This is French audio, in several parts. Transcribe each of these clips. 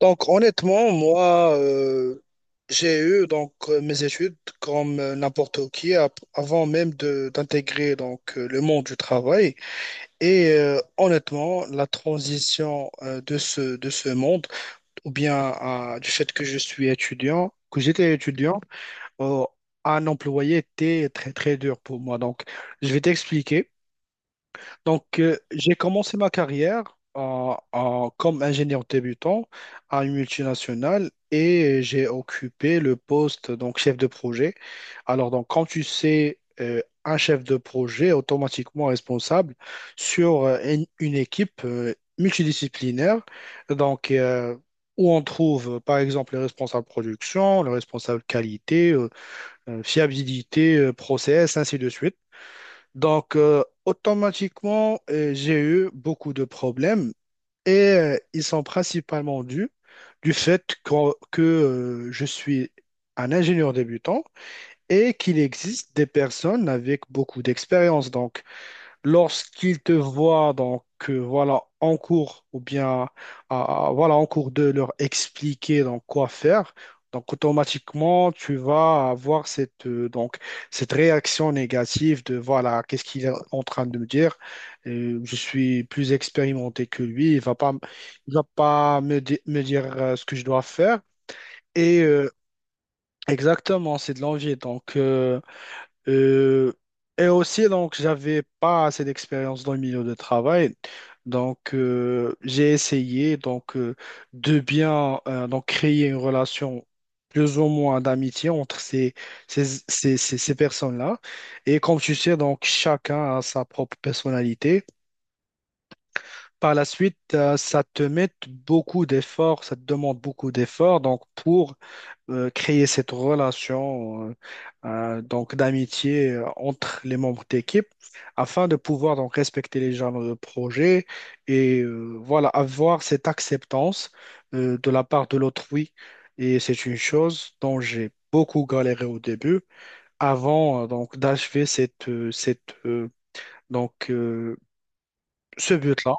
Donc honnêtement, moi, j'ai eu mes études comme n'importe qui avant même de d'intégrer le monde du travail. Et honnêtement, la transition de ce monde, ou bien du fait que je suis étudiant, que j'étais étudiant, euh, un employé était très très dur pour moi. Donc je vais t'expliquer. Donc, j'ai commencé ma carrière comme ingénieur débutant à une multinationale, et j'ai occupé le poste donc chef de projet. Alors, donc, quand tu sais, un chef de projet est automatiquement responsable sur une équipe multidisciplinaire. Donc, où on trouve, par exemple, les responsables production, le responsable qualité, fiabilité, process, ainsi de suite. Donc, automatiquement, j'ai eu beaucoup de problèmes, et ils sont principalement dus du fait que, je suis un ingénieur débutant et qu'il existe des personnes avec beaucoup d'expérience. Donc, lorsqu'ils te voient voilà en cours ou bien voilà en cours de leur expliquer donc quoi faire, donc automatiquement tu vas avoir cette cette réaction négative de voilà, qu'est-ce qu'il est en train de me dire. Je suis plus expérimenté que lui, il va pas me dire ce que je dois faire. Et exactement, c'est de l'envie. Euh, et aussi, donc, j'avais pas assez d'expérience dans le milieu de travail. Donc, j'ai essayé de bien donc créer une relation plus ou moins d'amitié entre ces personnes-là. Et comme tu sais, donc, chacun a sa propre personnalité. Par la suite, ça te met beaucoup d'efforts, ça te demande beaucoup d'efforts donc, pour créer cette relation donc d'amitié entre les membres d'équipe afin de pouvoir donc respecter les genres de projet, et voilà avoir cette acceptance de la part de l'autrui. Et c'est une chose dont j'ai beaucoup galéré au début avant donc d'achever cette cette donc ce but-là.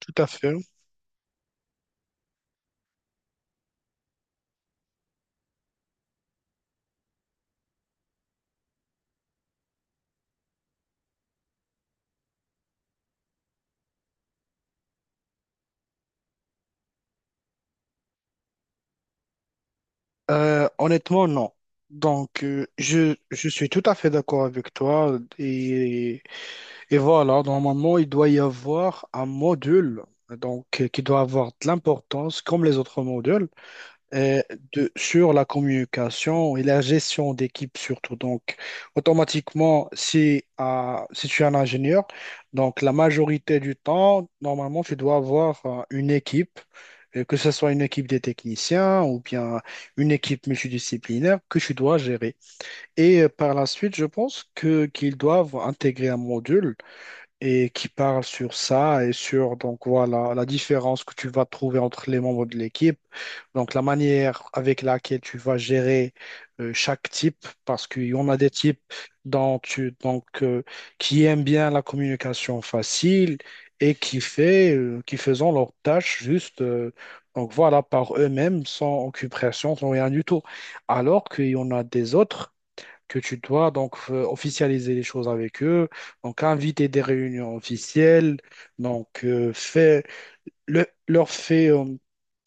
Tout à fait. Honnêtement, non. Donc, je suis tout à fait d'accord avec toi. Et voilà, normalement, il doit y avoir un module qui doit avoir de l'importance comme les autres modules. euh, de, sur la communication et la gestion d'équipe surtout. Donc, automatiquement, si, si tu es un ingénieur, donc la majorité du temps, normalement, tu dois avoir une équipe, que ce soit une équipe des techniciens ou bien une équipe multidisciplinaire que tu dois gérer. Et par la suite, je pense que qu'ils doivent intégrer un module et qui parle sur ça, et sur donc voilà la différence que tu vas trouver entre les membres de l'équipe, donc la manière avec laquelle tu vas gérer chaque type, parce qu'il y en a des types dont tu donc qui aiment bien la communication facile et qui fait qui faisant leurs tâches juste donc voilà par eux-mêmes, sans occupation, sans rien du tout, alors qu'il y en a des autres que tu dois donc officialiser les choses avec eux, donc inviter des réunions officielles, donc euh, fais- leur fait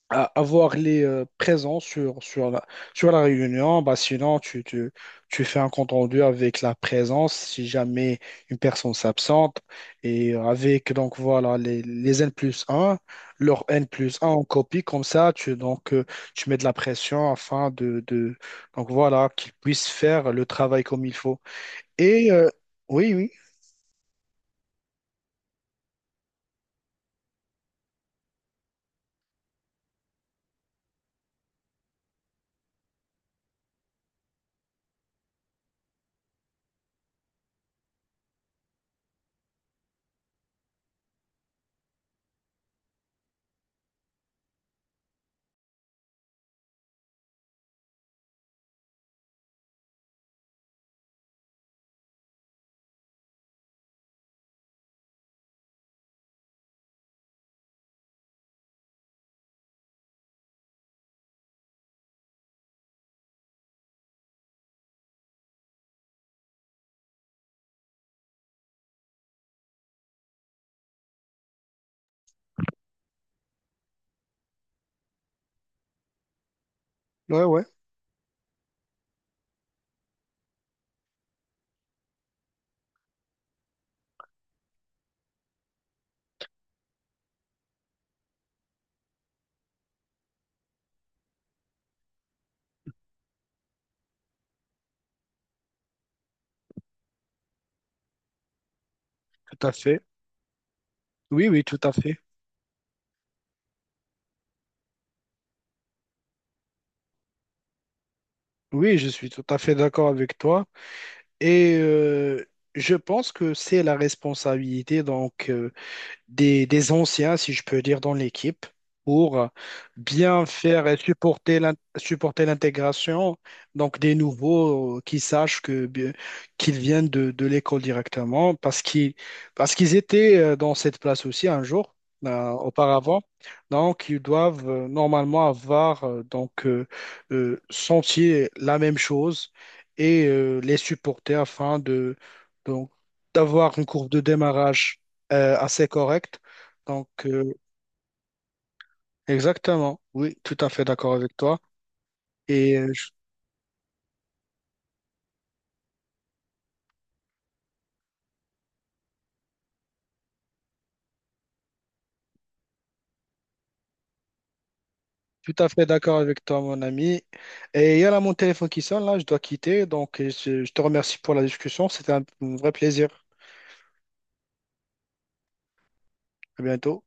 à avoir les présents sur la réunion. Bah, sinon, tu fais un compte rendu avec la présence si jamais une personne s'absente, et avec donc voilà les N plus un, leur N plus un en copie, comme ça, tu mets de la pression afin de donc voilà qu'ils puissent faire le travail comme il faut. Et oui, oui, ouais, ouais, tout à fait. Oui, oui, tout à fait. Oui, je suis tout à fait d'accord avec toi. Et je pense que c'est la responsabilité des anciens, si je peux dire, dans l'équipe, pour bien faire et supporter supporter l'intégration, donc des nouveaux, qui sachent que qu'ils viennent de l'école directement, parce qu'ils étaient dans cette place aussi un jour auparavant. Donc, ils doivent normalement avoir senti la même chose, et les supporter afin de donc d'avoir une courbe de démarrage assez correct. Donc, euh, Exactement, oui, tout à fait d'accord avec toi. Et je suis tout à fait d'accord avec toi, mon ami. Et il y a là mon téléphone qui sonne, là, je dois quitter. Donc, je te remercie pour la discussion. C'était un vrai plaisir. À bientôt.